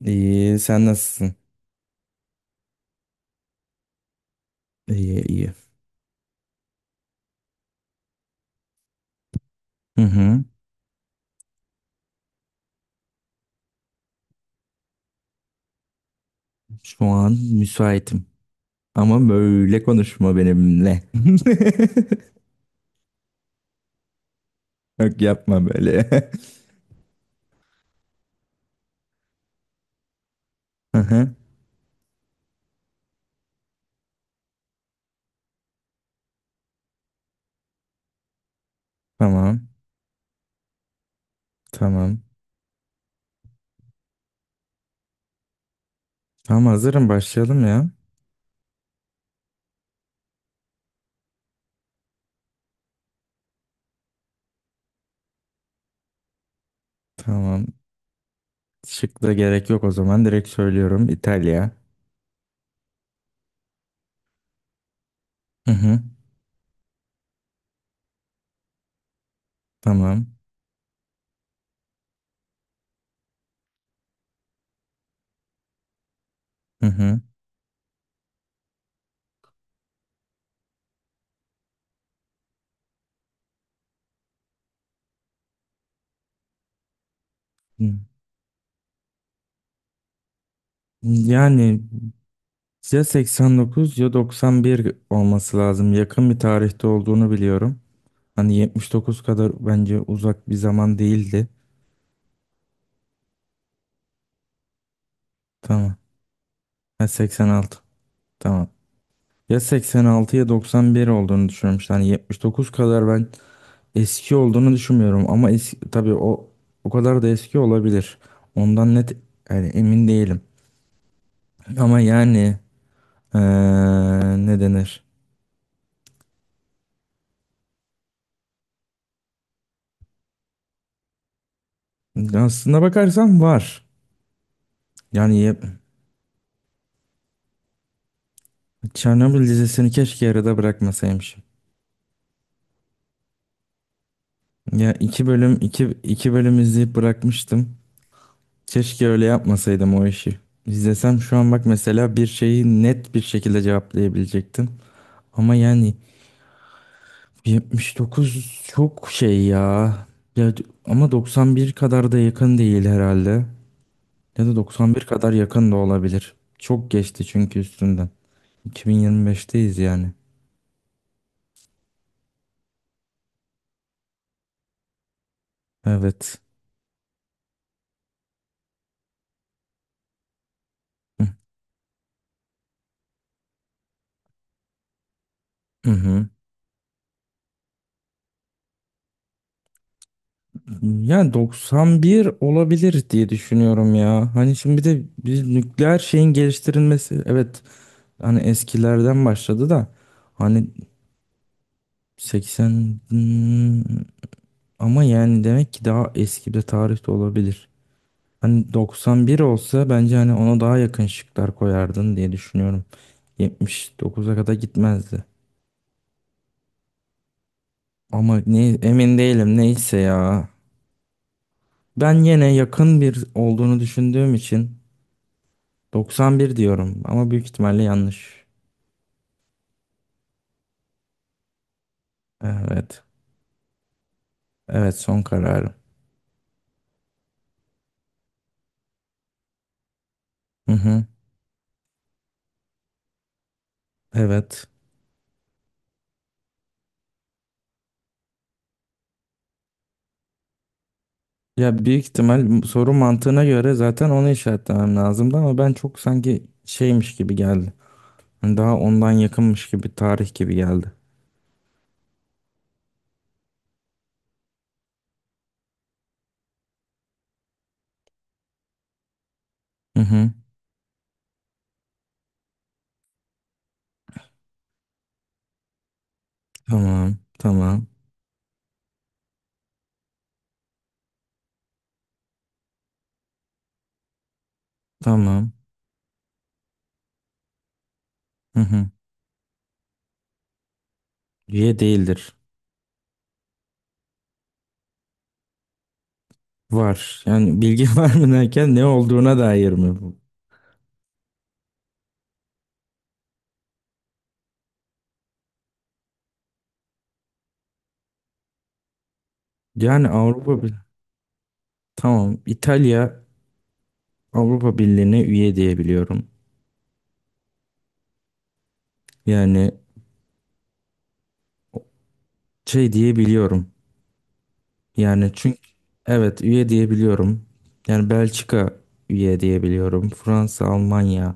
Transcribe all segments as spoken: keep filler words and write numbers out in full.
İyi, sen nasılsın? İyi, iyi. Hı hı. Şu an müsaitim. Ama böyle konuşma benimle. Yok yapma böyle. Hı hı. Tamam, tamam. Tamam hazırım başlayalım ya. Tamam. Şık da gerek yok o zaman. Direkt söylüyorum. İtalya. Hı hı. Tamam. Hı hı. Hı. Yani ya seksen dokuz ya doksan bir olması lazım. Yakın bir tarihte olduğunu biliyorum. Hani yetmiş dokuz kadar bence uzak bir zaman değildi. Tamam. Ha seksen altı. Tamam. Ya seksen altı ya doksan bir olduğunu düşünmüştüm. Hani yetmiş dokuz kadar ben eski olduğunu düşünmüyorum ama eski tabii o o kadar da eski olabilir. Ondan net yani emin değilim. Ama yani eee, ne denir? Aslında bakarsan var. Yani ye- Çernobil dizisini keşke yarıda bırakmasaymışım. Ya iki bölüm iki, iki bölüm izleyip bırakmıştım. Keşke öyle yapmasaydım o işi. İzlesem şu an bak mesela bir şeyi net bir şekilde cevaplayabilecektim. Ama yani yetmiş dokuz çok şey ya. Ya d- ama doksan bir kadar da yakın değil herhalde. Ya da doksan bir kadar yakın da olabilir. Çok geçti çünkü üstünden. iki bin yirmi beşteyiz yani. Evet. Hı hı. Hı. Yani doksan bir olabilir diye düşünüyorum ya. Hani şimdi bir de bir nükleer şeyin geliştirilmesi. Evet. Hani eskilerden başladı da hani seksen hmm, ama yani demek ki daha eski bir tarihte olabilir. Hani doksan bir olsa bence hani ona daha yakın şıklar koyardın diye düşünüyorum. yetmiş dokuza kadar gitmezdi. Ama ne, emin değilim neyse ya. Ben yine yakın bir olduğunu düşündüğüm için doksan bir diyorum ama büyük ihtimalle yanlış. Evet. Evet son kararım. Hı hı. Evet. Ya büyük ihtimal soru mantığına göre zaten onu işaretlemem lazımdı ama ben çok sanki şeymiş gibi geldi. Hani daha ondan yakınmış gibi tarih gibi geldi. Hı hı. Tamam. Tamam. Tamam. Hı hı. Üye değildir. Var. Yani bilgi var mı derken ne olduğuna dair mi bu? Yani Avrupa Bir- tamam. İtalya Avrupa Birliği'ne üye diye biliyorum. Yani şey diye biliyorum. Yani çünkü evet üye diyebiliyorum. Yani Belçika üye diyebiliyorum. Fransa, Almanya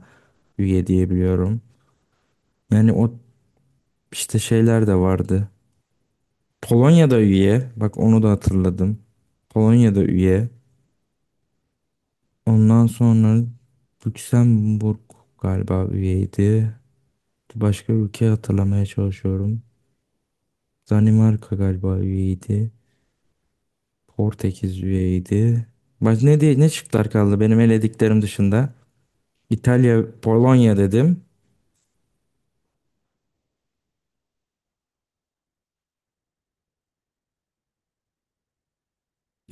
üye diyebiliyorum. Yani o işte şeyler de vardı. Polonya'da üye. Bak onu da hatırladım. Polonya'da üye. Ondan sonra Lüksemburg galiba üyeydi. Başka ülke hatırlamaya çalışıyorum. Danimarka galiba üyeydi. Portekiz üyeydi. Bak ne diye ne çıktılar kaldı benim elediklerim dışında. İtalya, Polonya dedim.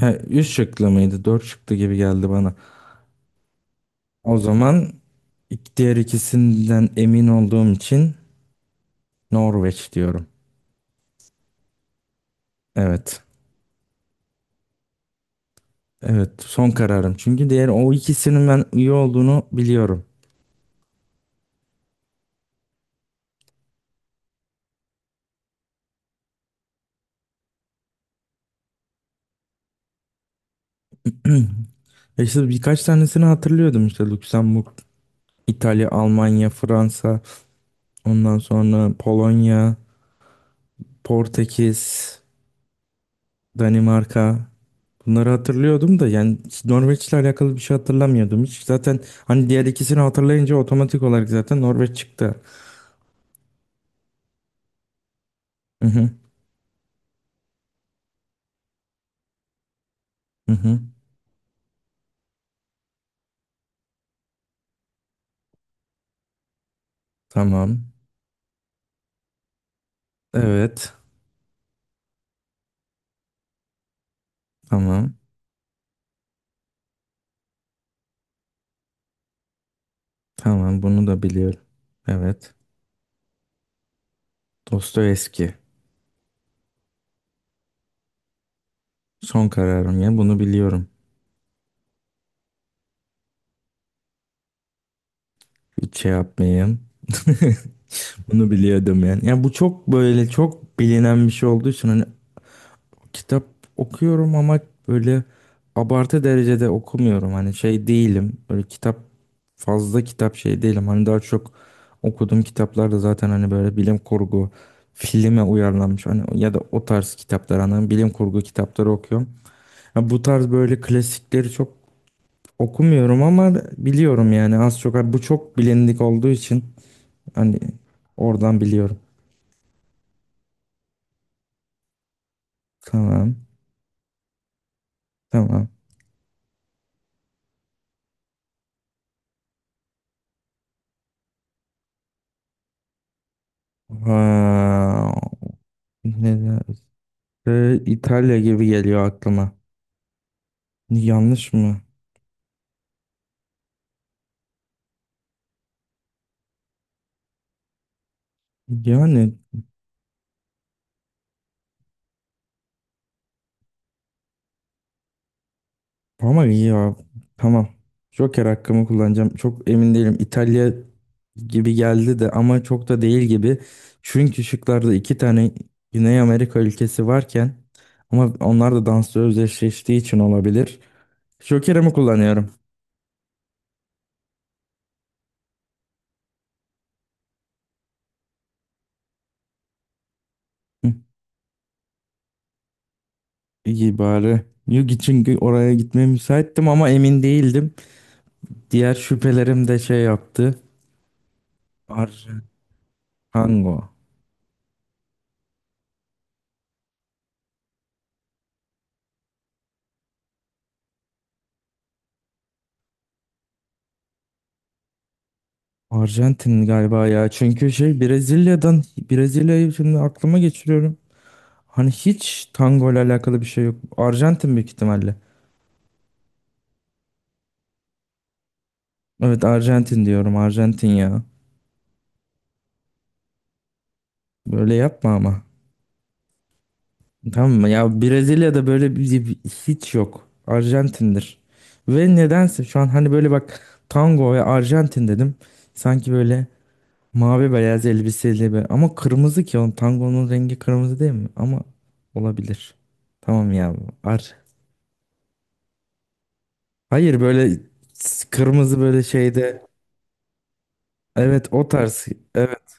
Ha, üç şıklı mıydı? Dört şıklı gibi geldi bana. O zaman ik- diğer ikisinden emin olduğum için Norveç diyorum. Evet. Evet, son kararım. Çünkü diğer o ikisinin ben iyi olduğunu biliyorum. E, İşte birkaç tanesini hatırlıyordum. İşte Lüksemburg, İtalya, Almanya, Fransa, ondan sonra Polonya, Portekiz, Danimarka. Bunları hatırlıyordum da yani Norveç'le alakalı bir şey hatırlamıyordum hiç. Zaten hani diğer ikisini hatırlayınca otomatik olarak zaten Norveç çıktı. Hı hı, hı hı. Tamam. Evet. Tamam. Tamam bunu da biliyorum. Evet. Dostoyevski. Son kararım ya bunu biliyorum. Hiç şey yapmayayım. Bunu biliyordum yani. Ya bu çok böyle çok bilinen bir şey olduğu için hani kitap okuyorum ama böyle abartı derecede okumuyorum. Hani şey değilim. Böyle kitap fazla kitap şey değilim. Hani daha çok okuduğum kitaplar da zaten hani böyle bilim kurgu filme uyarlanmış. Hani ya da o tarz kitaplar hani bilim kurgu kitapları okuyorum. Ha, bu tarz böyle klasikleri çok okumuyorum ama biliyorum yani az çok. Ha, bu çok bilindik olduğu için hani oradan biliyorum. Tamam. Tamam. Ha, ne? Ee, İtalya gibi geliyor aklıma. Yanlış mı? Yani ama iyi ya. Tamam. Joker hakkımı kullanacağım. Çok emin değilim. İtalya gibi geldi de ama çok da değil gibi. Çünkü şıklarda iki tane Güney Amerika ülkesi varken ama onlar da dansla özdeşleştiği için olabilir. Joker'imi kullanıyorum. Hı, İyi bari. Yok çünkü oraya gitmeye müsaittim ama emin değildim. Diğer şüphelerim de şey yaptı. Arjantango. Arjantin galiba ya. Çünkü şey Brezilya'dan Brezilya'yı şimdi aklıma geçiriyorum. Hani hiç tango ile alakalı bir şey yok. Arjantin büyük ihtimalle. Evet Arjantin diyorum. Arjantin ya. Böyle yapma ama. Tamam mı? Ya Brezilya'da böyle bir bir- hiç yok. Arjantin'dir. Ve nedense şu an hani böyle bak tango ve Arjantin dedim. Sanki böyle mavi beyaz elbiseli böyle. Ama kırmızı ki onun tangonun rengi kırmızı değil mi? Ama olabilir. Tamam ya. Ar Hayır böyle s- kırmızı böyle şeyde. Evet o tarz. Evet.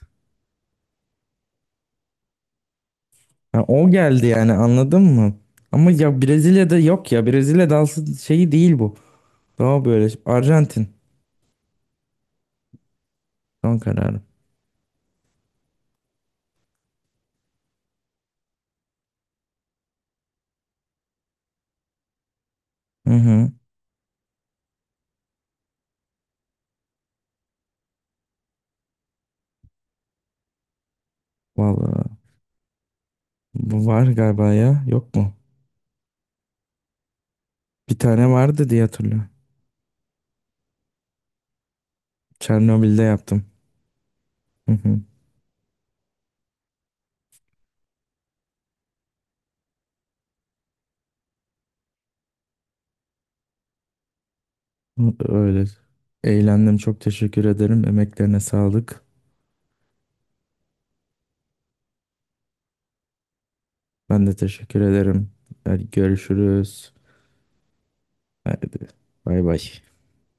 Ha, o geldi yani anladın mı? Ama ya Brezilya'da yok ya. Brezilya dansı şeyi değil bu. Daha böyle Arjantin. Son kararım. Hı hı. Vallahi bu var galiba ya. Yok mu? Bir tane vardı diye hatırlıyorum. Çernobil'de yaptım. Hı hı. Öyle. Eğlendim. Çok teşekkür ederim. Emeklerine sağlık. Ben de teşekkür ederim. Hadi görüşürüz. Hadi. Bay bay.